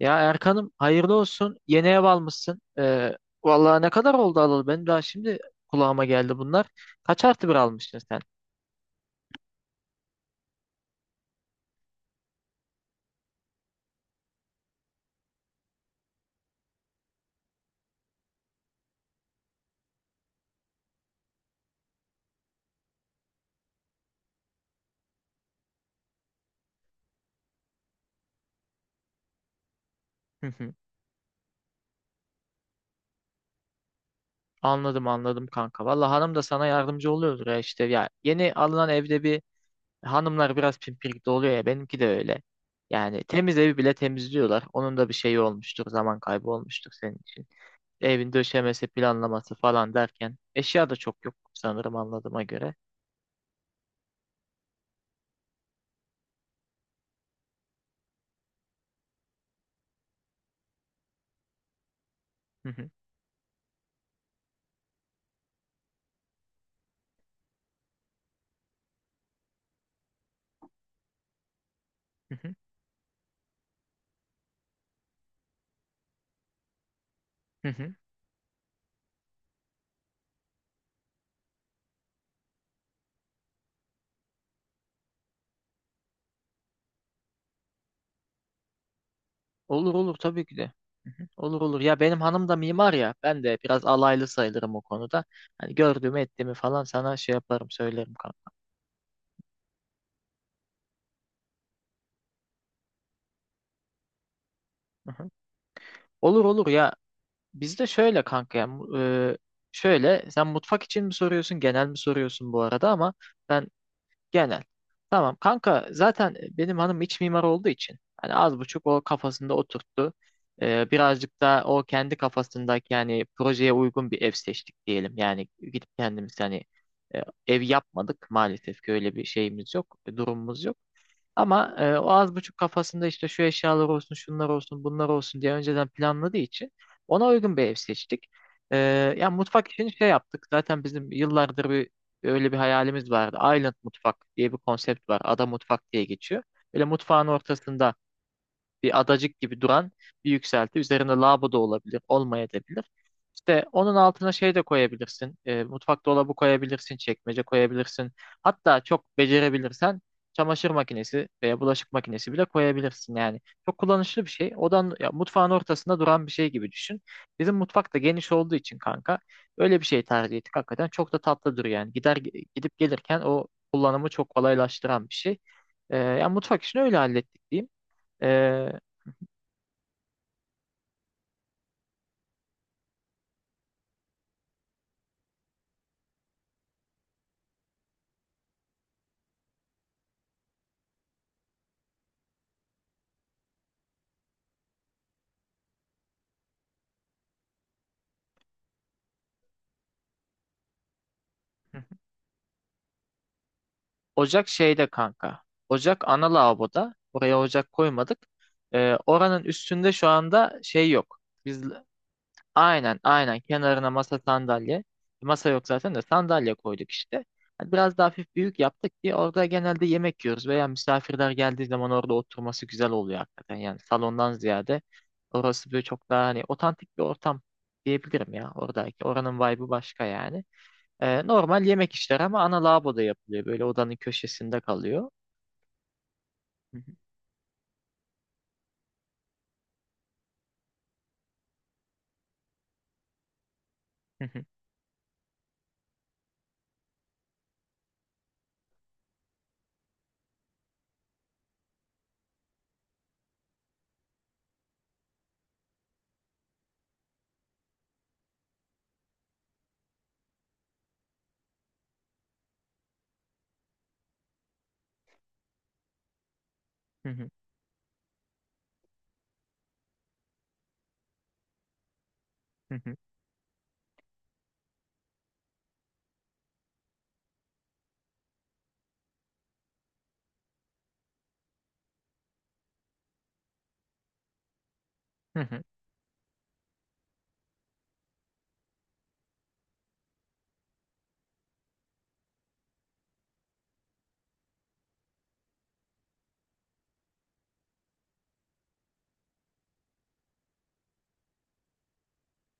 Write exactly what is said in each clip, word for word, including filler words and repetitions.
Ya Erkan'ım hayırlı olsun. Yeni ev almışsın. Ee, vallahi ne kadar oldu alalı? Benim daha şimdi kulağıma geldi bunlar. Kaç artı bir almışsın sen? Hı hı. Anladım anladım kanka. Vallahi hanım da sana yardımcı oluyordur ya işte. Ya yeni alınan evde bir hanımlar biraz pimpirikli oluyor ya. Benimki de öyle. Yani temiz evi bile temizliyorlar. Onun da bir şeyi olmuştur. Zaman kaybı olmuştur senin için. Evin döşemesi, planlaması falan derken. Eşya da çok yok sanırım anladığıma göre. Hı hı. Hı hı. Hı hı. Olur olur tabii ki de. Hı hı. Olur olur. Ya benim hanım da mimar ya. Ben de biraz alaylı sayılırım o konuda. Hani gördüğümü ettiğimi falan sana şey yaparım söylerim kanka. Hı hı. Olur olur ya. Bizde şöyle kanka ya. Mu- e, şöyle sen mutfak için mi soruyorsun genel mi soruyorsun bu arada ama ben Genel. Tamam kanka zaten e, benim hanım iç mimar olduğu için hani az buçuk o kafasında oturttu. Ee, birazcık da o kendi kafasındaki yani projeye uygun bir ev seçtik diyelim. Yani gidip kendimiz hani e, ev yapmadık maalesef ki öyle bir şeyimiz yok, durumumuz yok. Ama e, o az buçuk kafasında işte şu eşyalar olsun, şunlar olsun, bunlar olsun diye önceden planladığı için ona uygun bir ev seçtik. E, Yani mutfak için şey yaptık. Zaten bizim yıllardır bir öyle bir hayalimiz vardı. Island mutfak diye bir konsept var. Ada mutfak diye geçiyor. Böyle mutfağın ortasında bir adacık gibi duran bir yükselti. Üzerinde lava da olabilir, olmayabilir. İşte onun altına şey de koyabilirsin. E, mutfak dolabı koyabilirsin, çekmece koyabilirsin. Hatta çok becerebilirsen çamaşır makinesi veya bulaşık makinesi bile koyabilirsin yani. Çok kullanışlı bir şey. Odan ya, mutfağın ortasında duran bir şey gibi düşün. Bizim mutfak da geniş olduğu için kanka öyle bir şey tercih ettik. Hakikaten çok da tatlı duruyor yani. Gider gidip gelirken o kullanımı çok kolaylaştıran bir şey. E, yani mutfak işini öyle hallettik diyeyim. E, hı Ocak şeyde kanka. Ocak ana lavaboda. Oraya ocak koymadık. Ee, oranın üstünde şu anda şey yok. Biz aynen aynen kenarına masa sandalye. Masa yok zaten de sandalye koyduk işte. Hani Biraz daha hafif büyük yaptık ki orada genelde yemek yiyoruz veya misafirler geldiği zaman orada oturması güzel oluyor hakikaten. Yani salondan ziyade orası böyle çok daha hani otantik bir ortam diyebilirim ya oradaki. Oranın vibe'ı başka yani. Ee, normal yemek işler ama ana lavaboda yapılıyor. Böyle odanın köşesinde kalıyor. Hı hı, hı hı, hı hı, hı hı,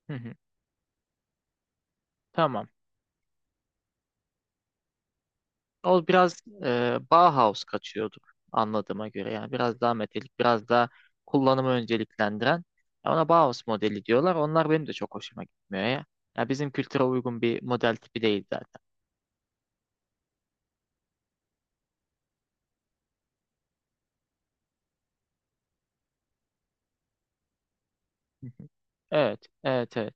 hı hı. Tamam. O biraz e, Bauhaus kaçıyorduk anladığıma göre. Yani biraz daha metalik, biraz daha kullanımı önceliklendiren. Ya Ona Bauhaus modeli diyorlar. Onlar benim de çok hoşuma gitmiyor ya. Ya bizim kültüre uygun bir model tipi değil zaten. Hı hı. Evet, evet, evet.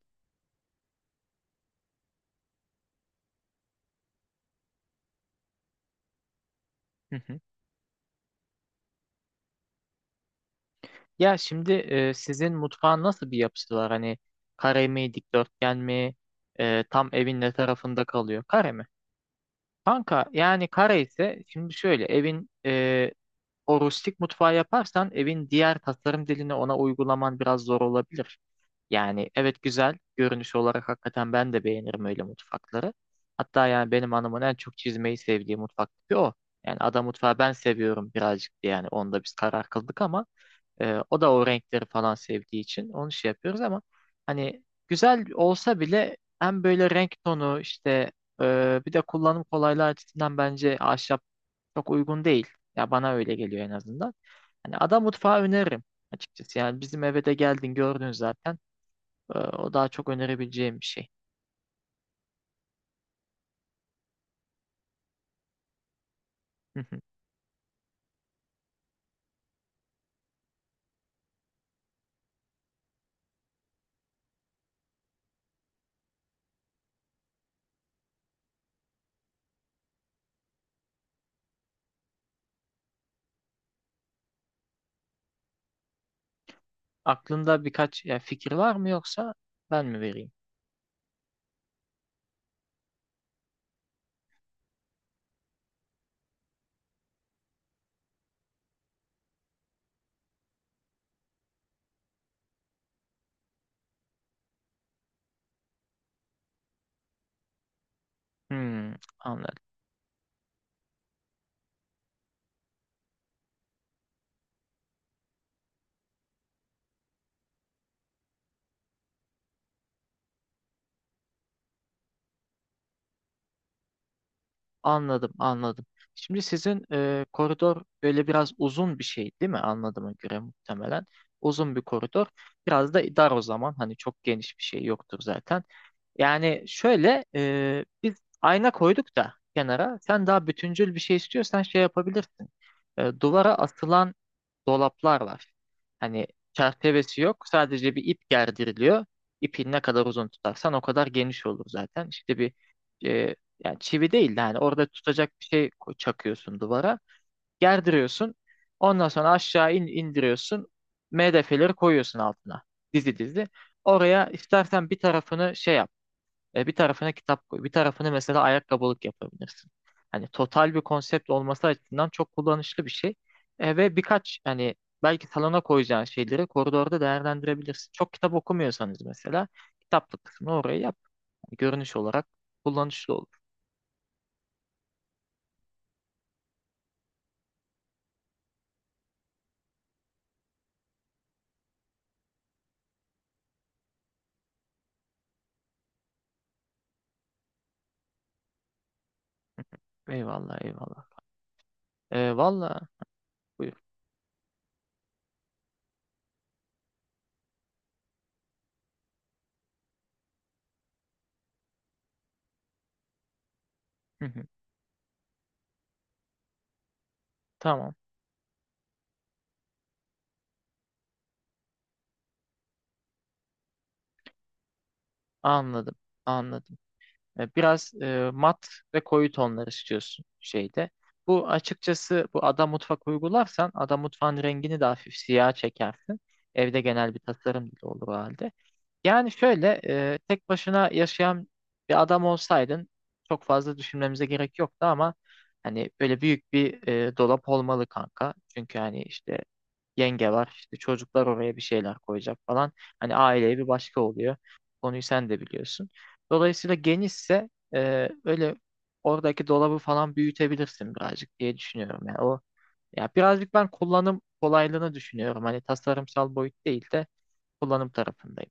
Ya şimdi e, sizin mutfağın nasıl bir yapısı var? Hani kare mi, dikdörtgen mi, e, tam evin ne tarafında kalıyor? Kare mi? Kanka yani kare ise şimdi şöyle evin e, o rustik mutfağı yaparsan evin diğer tasarım dilini ona uygulaman biraz zor olabilir. Yani evet güzel görünüş olarak hakikaten ben de beğenirim öyle mutfakları. Hatta yani benim hanımın en çok çizmeyi sevdiği mutfak tipi o. Yani ada mutfağı ben seviyorum birazcık diye yani onda biz karar kıldık ama ee, o da o renkleri falan sevdiği için onu şey yapıyoruz ama hani güzel olsa bile hem böyle renk tonu işte e, bir de kullanım kolaylığı açısından bence ahşap çok uygun değil. Ya bana öyle geliyor en azından. Hani ada mutfağı öneririm açıkçası. Yani bizim eve de geldin gördün zaten. Ee, o daha çok önerebileceğim bir şey. Aklında birkaç ya fikir var mı yoksa ben mi vereyim? Hmm, Anladım. Anladım, anladım. Şimdi sizin e, koridor böyle biraz uzun bir şey değil mi? Anladığıma göre muhtemelen. Uzun bir koridor. Biraz da dar o zaman. Hani çok geniş bir şey yoktur zaten. Yani şöyle e, biz ayna koyduk da kenara. Sen daha bütüncül bir şey istiyorsan şey yapabilirsin. E, duvara asılan dolaplar var. Hani çerçevesi yok. Sadece bir ip gerdiriliyor. İpin ne kadar uzun tutarsan o kadar geniş olur zaten. İşte bir e, yani çivi değil de hani orada tutacak bir şey ko- çakıyorsun duvara. Gerdiriyorsun. Ondan sonra aşağı in, indiriyorsun. M D F'leri koyuyorsun altına. Dizi dizi. Oraya istersen bir tarafını şey yap. E, bir tarafına kitap koy. Bir tarafını mesela ayakkabılık yapabilirsin. Hani total bir konsept olması açısından çok kullanışlı bir şey. E, ve birkaç hani belki salona koyacağın şeyleri koridorda değerlendirebilirsin. Çok kitap okumuyorsanız mesela kitaplık kısmını oraya yap. Hani Görünüş olarak kullanışlı olur. Eyvallah eyvallah. E, valla buyur. Hı hı. Tamam anladım anladım. E, Biraz e, mat ve koyu tonlar istiyorsun şeyde. Bu açıkçası bu ada mutfak uygularsan ada mutfağın rengini de hafif siyah çekersin. Evde genel bir tasarım bile olur o halde. Yani şöyle e, tek başına yaşayan bir adam olsaydın çok fazla düşünmemize gerek yoktu ama hani böyle büyük bir e, dolap olmalı kanka. Çünkü hani işte yenge var işte çocuklar oraya bir şeyler koyacak falan. Hani aileye bir başka oluyor. Konuyu sen de biliyorsun. Dolayısıyla genişse e, böyle oradaki dolabı falan büyütebilirsin birazcık diye düşünüyorum. Yani o ya birazcık ben kullanım kolaylığını düşünüyorum. Hani tasarımsal boyut değil de kullanım tarafındayım.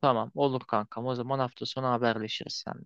Tamam olur kankam. O zaman hafta sonu haberleşiriz sen.